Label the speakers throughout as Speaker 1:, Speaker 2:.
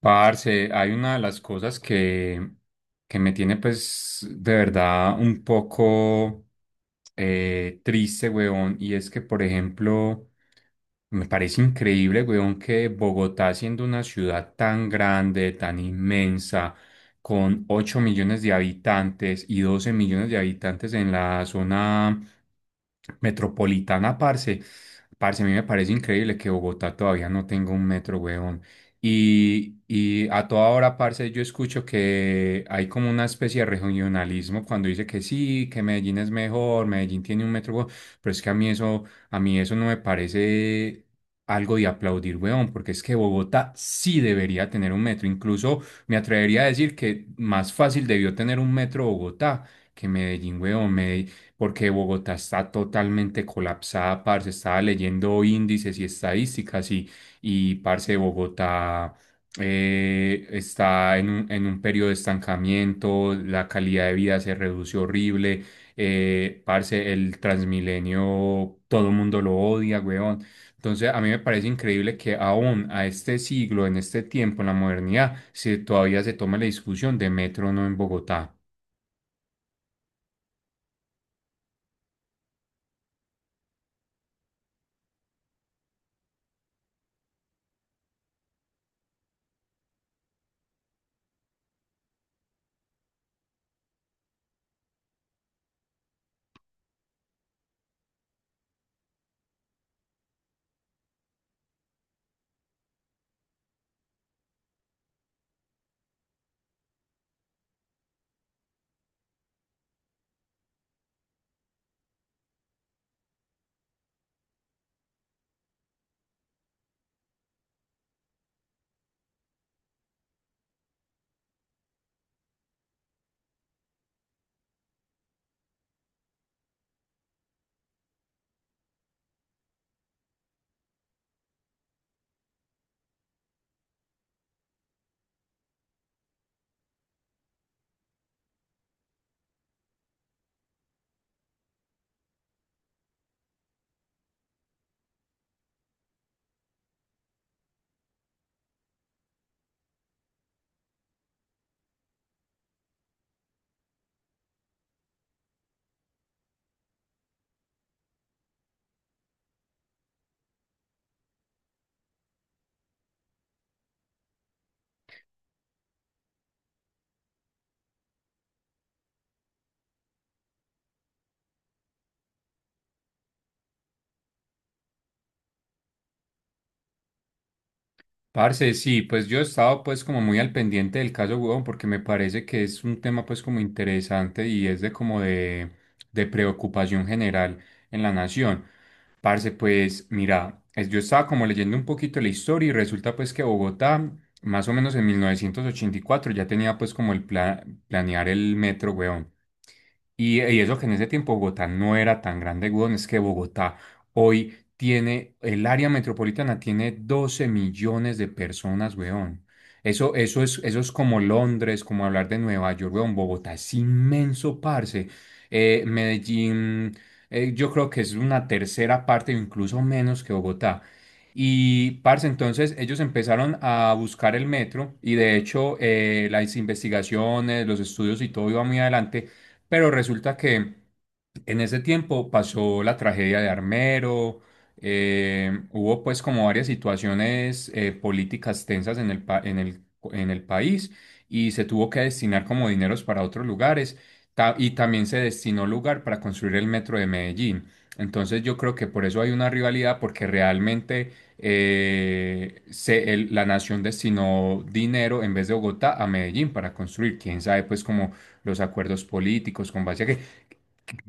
Speaker 1: Parce, hay una de las cosas que me tiene pues de verdad un poco triste, weón, y es que, por ejemplo, me parece increíble, weón, que Bogotá, siendo una ciudad tan grande, tan inmensa, con 8 millones de habitantes y 12 millones de habitantes en la zona metropolitana, parce, a mí me parece increíble que Bogotá todavía no tenga un metro, weón. Y a toda hora, parce, yo escucho que hay como una especie de regionalismo cuando dice que sí, que Medellín es mejor, Medellín tiene un metro, pero es que a mí a mí eso no me parece algo de aplaudir, weón, porque es que Bogotá sí debería tener un metro. Incluso me atrevería a decir que más fácil debió tener un metro Bogotá que Medellín, weón, Medellín, porque Bogotá está totalmente colapsada, parce, estaba leyendo índices y estadísticas y parce, Bogotá está en un periodo de estancamiento, la calidad de vida se reduce horrible, parce, el Transmilenio, todo el mundo lo odia, weón. Entonces, a mí me parece increíble que aún a este siglo, en este tiempo, en la modernidad, todavía se tome la discusión de metro o no en Bogotá. Parce, sí, pues yo he estado pues como muy al pendiente del caso, huevón, porque me parece que es un tema pues como interesante y es de como de preocupación general en la nación. Parce, pues mira, yo estaba como leyendo un poquito la historia y resulta pues que Bogotá, más o menos en 1984 ya tenía pues como el planear el metro, huevón. Y eso que en ese tiempo Bogotá no era tan grande, weón, es que Bogotá hoy tiene, el área metropolitana tiene 12 millones de personas, weón. Eso es como Londres, como hablar de Nueva York, weón. Bogotá es inmenso, parce. Medellín, yo creo que es una tercera parte, o incluso menos que Bogotá. Y, parce, entonces ellos empezaron a buscar el metro y de hecho las investigaciones, los estudios y todo iba muy adelante, pero resulta que en ese tiempo pasó la tragedia de Armero, hubo pues como varias situaciones políticas tensas en el, pa- en el país y se tuvo que destinar como dineros para otros lugares y también se destinó lugar para construir el metro de Medellín. Entonces yo creo que por eso hay una rivalidad porque realmente la nación destinó dinero en vez de Bogotá a Medellín para construir, quién sabe pues como los acuerdos políticos con base a que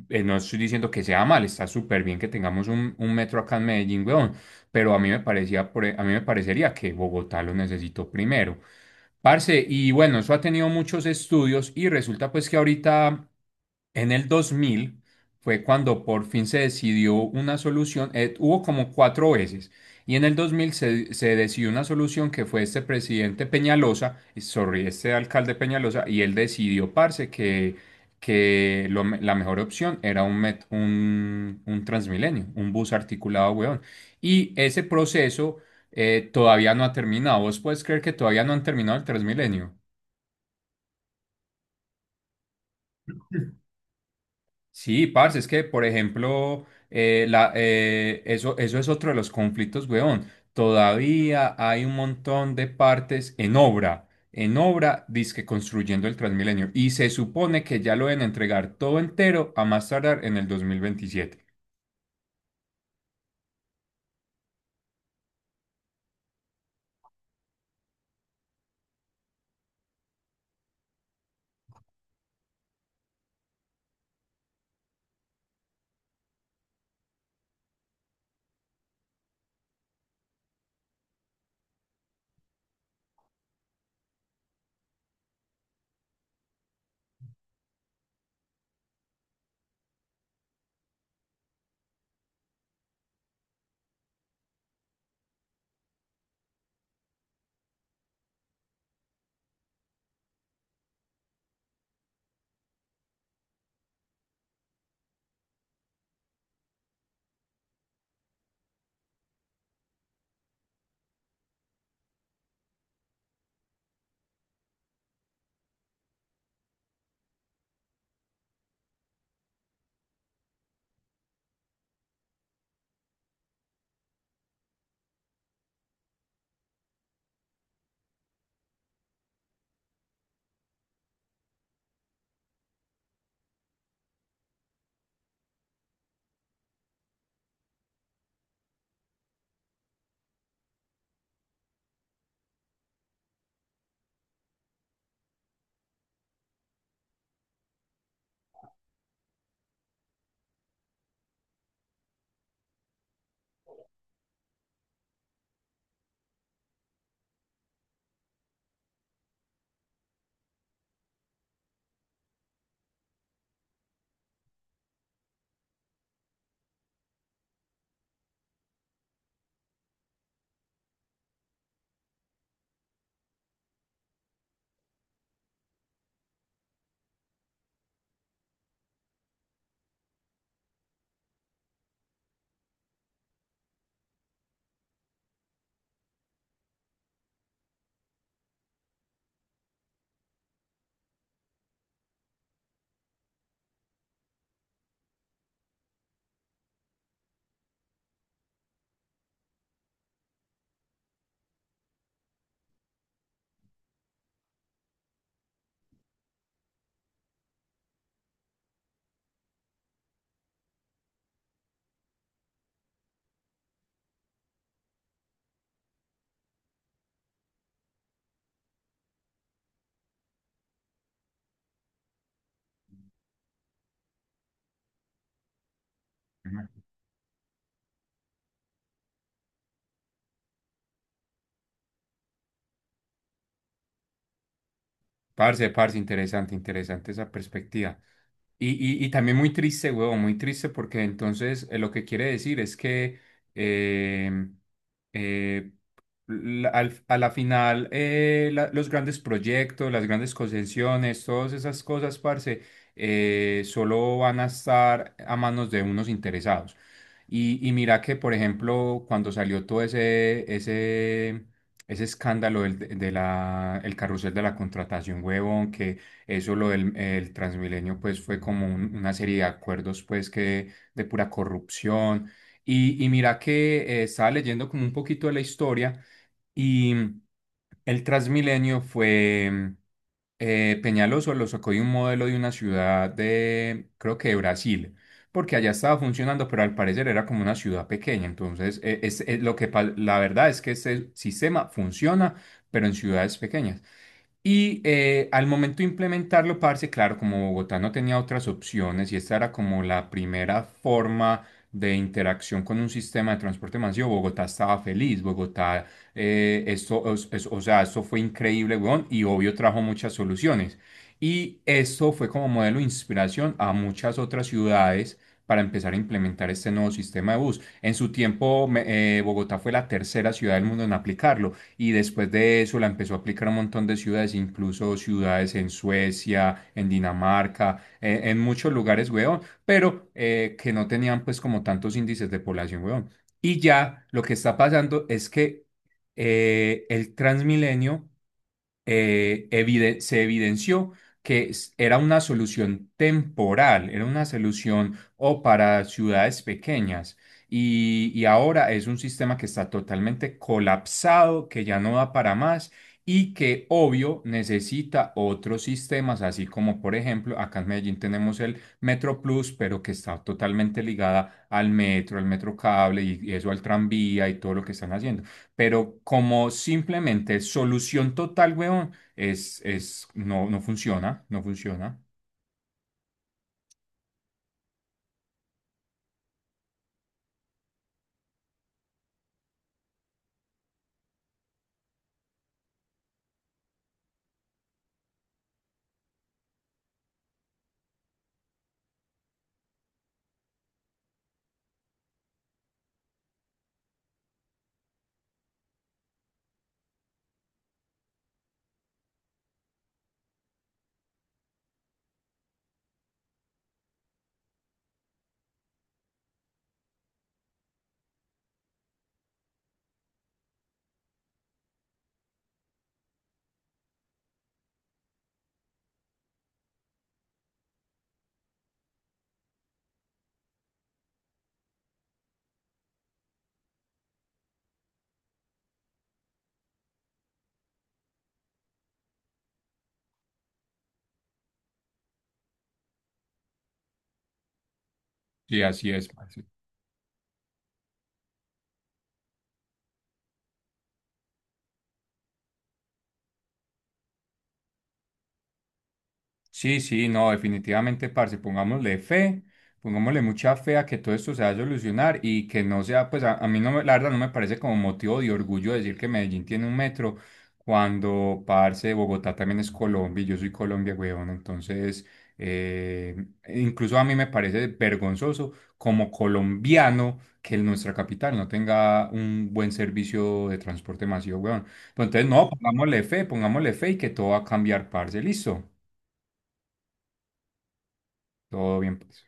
Speaker 1: no estoy diciendo que sea mal, está súper bien que tengamos un metro acá en Medellín, weón, pero a mí me parecía, a mí me parecería que Bogotá lo necesitó primero. Parce, y bueno, eso ha tenido muchos estudios y resulta pues que ahorita en el 2000 fue cuando por fin se decidió una solución, hubo como cuatro veces, y en el 2000 se decidió una solución que fue este presidente Peñalosa, sorry, este alcalde Peñalosa, y él decidió, parce, que la mejor opción era un Transmilenio, un bus articulado, weón. Y ese proceso todavía no ha terminado. ¿Vos puedes creer que todavía no han terminado el Transmilenio? Sí, parce, es que, por ejemplo, eso es otro de los conflictos, weón. Todavía hay un montón de partes en obra, dizque construyendo el Transmilenio. Y se supone que ya lo deben entregar todo entero a más tardar en el 2027. Ujú. Parce, interesante esa perspectiva. Y, y también muy triste, huevón, muy triste porque entonces lo que quiere decir es que eh, eh, la- al- a la final los grandes proyectos, las grandes concesiones, todas esas cosas, parce, solo van a estar a manos de unos interesados. Y mira que, por ejemplo, cuando salió todo ese escándalo el carrusel de la contratación, huevón, que eso lo del el Transmilenio pues fue como una serie de acuerdos pues que de pura corrupción. Y mira que estaba leyendo como un poquito de la historia y mm, el Transmilenio fue Peñaloso lo sacó de un modelo de una ciudad de, creo que de Brasil, porque allá estaba funcionando, pero al parecer era como una ciudad pequeña. Entonces, es lo que la verdad es que este sistema funciona, pero en ciudades pequeñas. Y al momento de implementarlo, parce, claro, como Bogotá no tenía otras opciones y esta era como la primera forma de interacción con un sistema de transporte masivo, Bogotá estaba feliz, Bogotá, o sea, esto fue increíble, weón, y obvio trajo muchas soluciones. Y esto fue como modelo de inspiración a muchas otras ciudades para empezar a implementar este nuevo sistema de bus. En su tiempo, Bogotá fue la tercera ciudad del mundo en aplicarlo y después de eso la empezó a aplicar a un montón de ciudades, incluso ciudades en Suecia, en Dinamarca, en muchos lugares, weón, pero que no tenían pues como tantos índices de población, weón. Y ya lo que está pasando es que el Transmilenio se evidenció que era una solución temporal, era una solución o para ciudades pequeñas y ahora es un sistema que está totalmente colapsado, que ya no da para más y que obvio necesita otros sistemas, así como por ejemplo acá en Medellín tenemos el Metro Plus, pero que está totalmente ligada al metro cable y eso al tranvía y todo lo que están haciendo. Pero como simplemente solución total, weón, no, no funciona, no funciona. Sí, así es, parce. Sí, no, definitivamente, parce, pongámosle fe, pongámosle mucha fe a que todo esto se va a solucionar y que no sea, pues a mí no me, la verdad no me parece como motivo de orgullo decir que Medellín tiene un metro cuando, parce, Bogotá también es Colombia y yo soy Colombia, weón, entonces, eh, incluso a mí me parece vergonzoso como colombiano que nuestra capital no tenga un buen servicio de transporte masivo, weón. Pues entonces, no, pongámosle fe y que todo va a cambiar, parce, listo. Todo bien, pues.